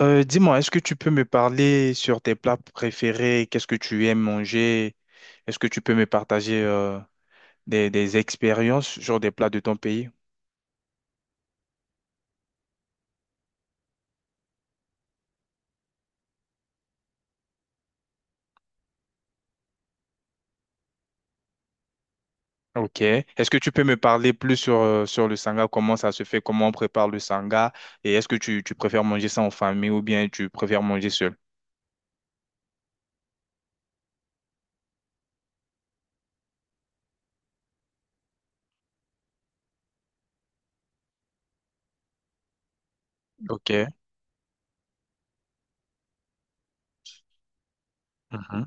Dis-moi, est-ce que tu peux me parler sur tes plats préférés? Qu'est-ce que tu aimes manger? Est-ce que tu peux me partager des expériences sur des plats de ton pays? Ok. Est-ce que tu peux me parler plus sur, sur le sanga? Comment ça se fait? Comment on prépare le sanga? Et est-ce que tu préfères manger ça en famille ou bien tu préfères manger seul? Ok. Mhm.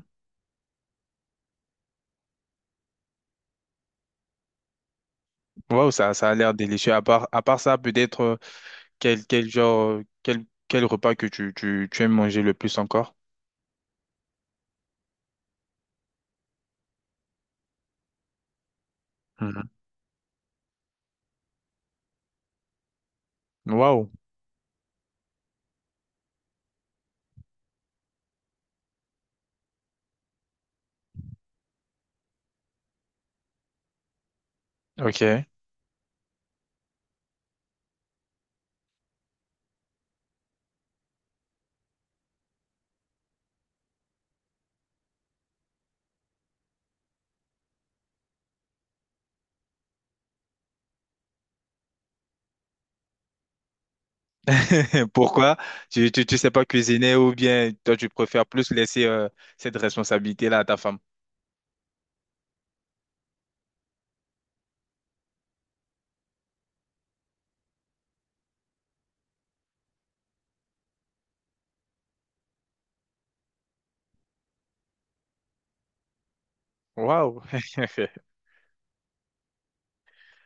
Wow, ça a l'air délicieux. À part ça, peut-être quel repas que tu aimes manger le plus encore? Waouh, ok. Pourquoi? Tu sais pas cuisiner ou bien toi tu préfères plus laisser cette responsabilité-là à ta femme? Waouh.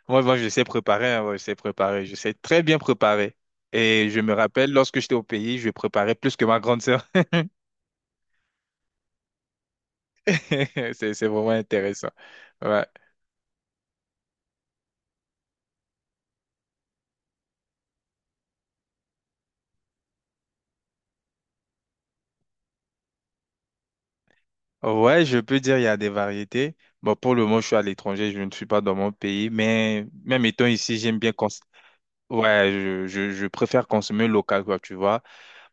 Moi, je sais préparer, hein, ouais, je sais préparer, je sais très bien préparer. Et je me rappelle, lorsque j'étais au pays, je préparais plus que ma grande sœur. C'est vraiment intéressant. Ouais. Ouais, je peux dire il y a des variétés. Bon, pour le moment, je suis à l'étranger, je ne suis pas dans mon pays, mais même étant ici, j'aime bien cons- Ouais, je préfère consommer local, quoi, tu vois.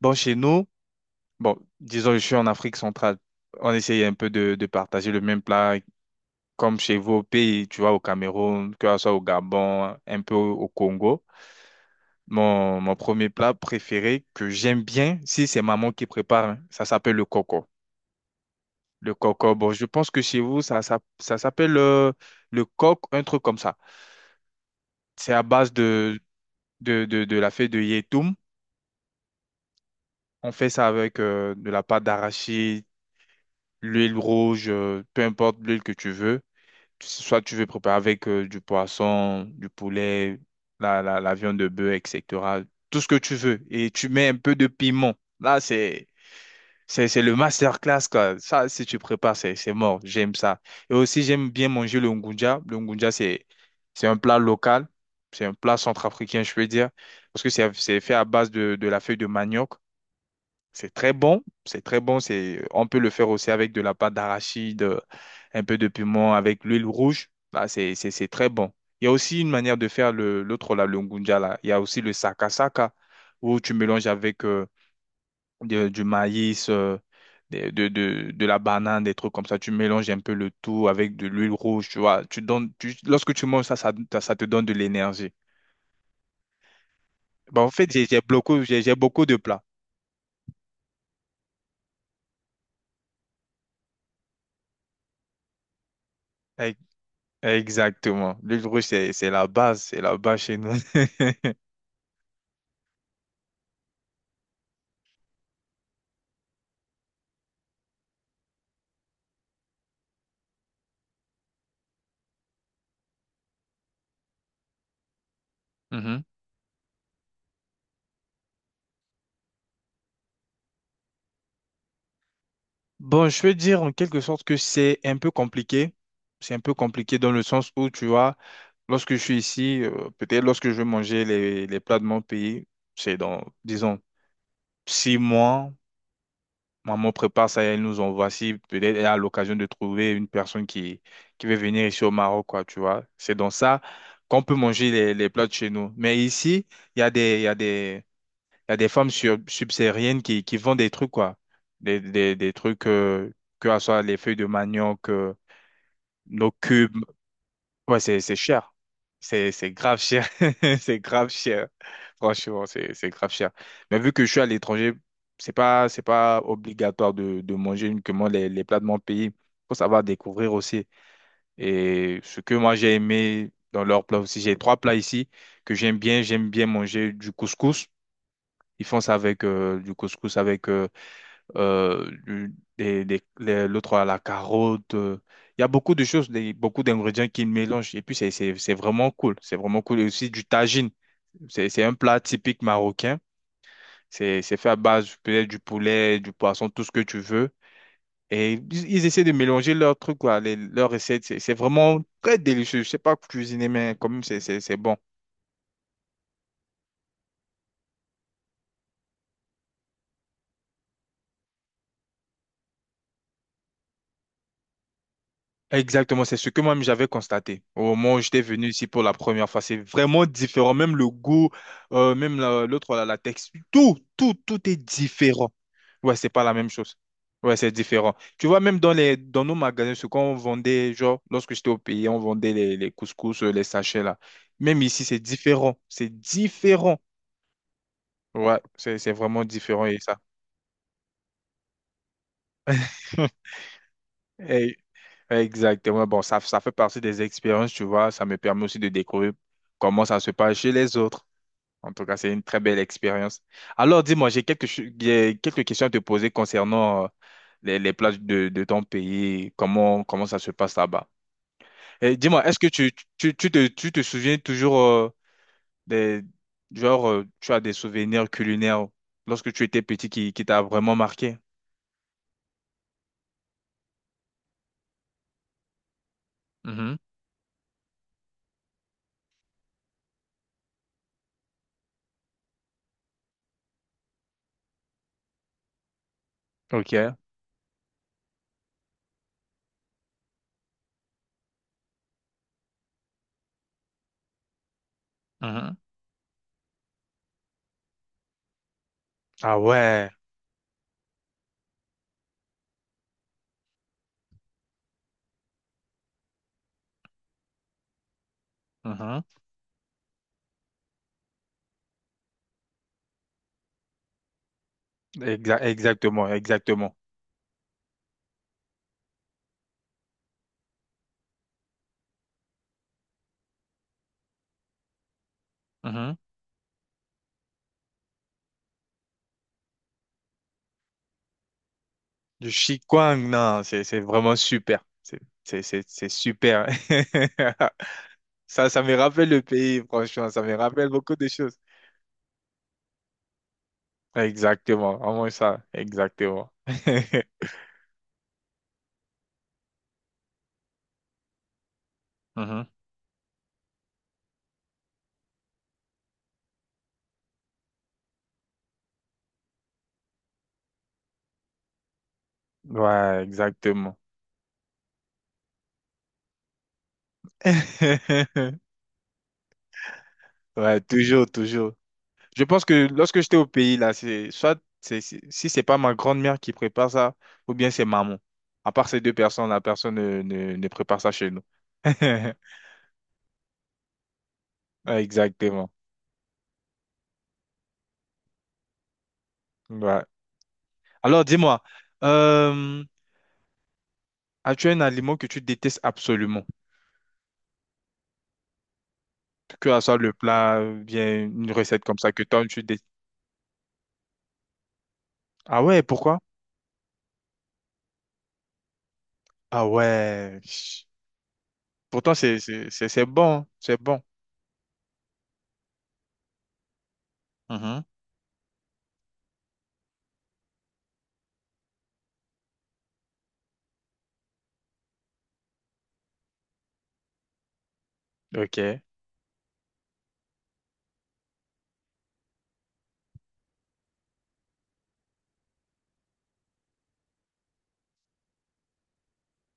Bon, chez nous, bon, disons, je suis en Afrique centrale. On essaye un peu de partager le même plat comme chez vous au pays, tu vois, au Cameroun, que ce soit au Gabon, un peu au Congo. Mon premier plat préféré que j'aime bien, si c'est maman qui prépare, hein, ça s'appelle le coco. Le coco, bon, je pense que chez vous, ça s'appelle le coq, un truc comme ça. C'est à base de la feuille de yétoum. On fait ça avec de la pâte d'arachide, l'huile rouge, peu importe l'huile que tu veux. Soit tu veux préparer avec du poisson, du poulet, la viande de bœuf, etc. Tout ce que tu veux. Et tu mets un peu de piment. Là, c'est le masterclass, quoi. Ça, si tu prépares, c'est mort. J'aime ça. Et aussi, j'aime bien manger le ngunja. Le ngunja, c'est un plat local. C'est un plat centrafricain, je peux dire. Parce que c'est fait à base de la feuille de manioc. C'est très bon, c'est très bon. C'est, on peut le faire aussi avec de la pâte d'arachide, un peu de piment, avec l'huile rouge. Là, c'est très bon. Il y a aussi une manière de faire le, l'autre, là, le ngunja, là. Il y a aussi le sakasaka, où tu mélanges avec du maïs, de la banane, des trucs comme ça. Tu mélanges un peu le tout avec de l'huile rouge, tu vois. Tu donnes, tu- lorsque tu manges ça, ça te donne de l'énergie. Bah, en fait, j'ai beaucoup de plats. Exactement. L'huile rouge, c'est la base chez nous. Mhm. Bon, je veux dire en quelque sorte que c'est un peu compliqué. C'est un peu compliqué dans le sens où, tu vois, lorsque je suis ici, peut-être lorsque je vais manger les plats de mon pays, c'est dans, disons, six mois, maman prépare ça et elle nous envoie. Si peut-être elle a l'occasion de trouver une personne qui veut venir ici au Maroc, quoi, tu vois. C'est dans ça qu'on peut manger les plats de chez nous. Mais ici, il y a des il y a des femmes subsahariennes qui vendent des trucs, quoi. Des trucs, que ce soit les feuilles de manioc, nos cubes. Ouais, c'est cher. C'est grave cher. C'est grave cher. Franchement, c'est grave cher. Mais vu que je suis à l'étranger, c'est pas obligatoire de manger uniquement les plats de mon pays. Faut savoir découvrir aussi. Et ce que moi j'ai aimé dans leurs plats aussi, j'ai trois plats ici que j'aime bien. J'aime bien manger du couscous. Ils font ça avec du couscous avec l'autre à la carotte. Il y a beaucoup de choses, beaucoup d'ingrédients qu'ils mélangent. Et puis, c'est vraiment cool. C'est vraiment cool. Et aussi du tagine. C'est un plat typique marocain. C'est fait à base peut-être du poulet, du poisson, tout ce que tu veux. Et ils essaient de mélanger leurs trucs, quoi, leurs recettes. C'est vraiment très délicieux. Je sais pas cuisiner, mais quand même, c'est bon. Exactement, c'est ce que moi-même j'avais constaté au moment où j'étais venu ici pour la première fois. C'est vraiment différent, même le goût, même la texture, tout, tout est différent. Ouais, c'est pas la même chose. Ouais, c'est différent. Tu vois, même dans dans nos magasins, ce qu'on vendait, genre, lorsque j'étais au pays, on vendait les couscous, les sachets là. Même ici, c'est différent. C'est différent. Ouais, c'est vraiment différent et ça. Exactement. Bon, ça fait partie des expériences, tu vois. Ça me permet aussi de découvrir comment ça se passe chez les autres. En tout cas, c'est une très belle expérience. Alors, dis-moi, j'ai quelques questions à te poser concernant les plages de ton pays. Comment ça se passe là-bas? Et dis-moi, est-ce que tu te souviens toujours des... Genre, tu as des souvenirs culinaires lorsque tu étais petit qui t'a vraiment marqué? Mhm. OK. Mhm. Ah ouais. Exactement, exactement. Mhm. Du Qigong, non, c'est vraiment super. C'est super. Ça me rappelle le pays, franchement. Ça me rappelle beaucoup de choses. Exactement, vraiment ça. Exactement. Mhm. Ouais, exactement. Ouais, toujours, toujours. Je pense que lorsque j'étais au pays, là, c'est soit si c'est pas ma grand-mère qui prépare ça, ou bien c'est maman. À part ces deux personnes, la personne ne prépare ça chez nous. Ouais, exactement. Ouais. Alors, dis-moi, euh, as-tu un aliment que tu détestes absolument? Que ce soit le plat, bien une recette comme ça que toi, tu détestes. Ah ouais, pourquoi? Ah ouais. Chut. Pourtant, c'est bon, hein, c'est bon. Mhm. Ok.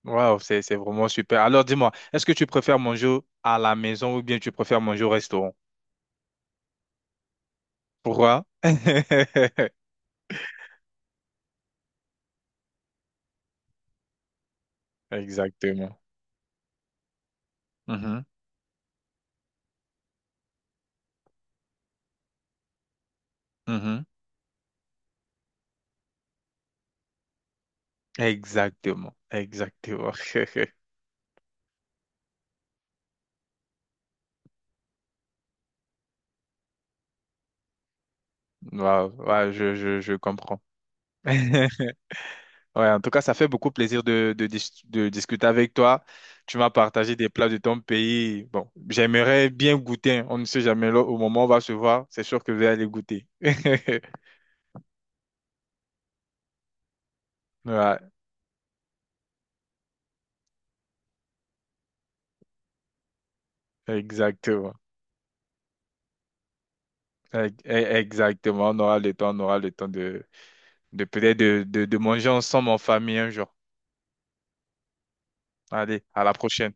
Waouh, c'est vraiment super. Alors, dis-moi, est-ce que tu préfères manger à la maison ou bien tu préfères manger au restaurant? Pourquoi? Exactement. Mhm. Mhm. Exactement. Exactement. Ouais, ouais, je comprends. Ouais, en tout cas, ça fait beaucoup plaisir de discuter avec toi. Tu m'as partagé des plats de ton pays. Bon, j'aimerais bien goûter, hein. On ne sait jamais là, au moment où on va se voir. C'est sûr que je vais aller goûter. Ouais, exactement. Exactement. On aura le temps, on aura le temps de peut-être de manger ensemble en famille un jour. Allez, à la prochaine.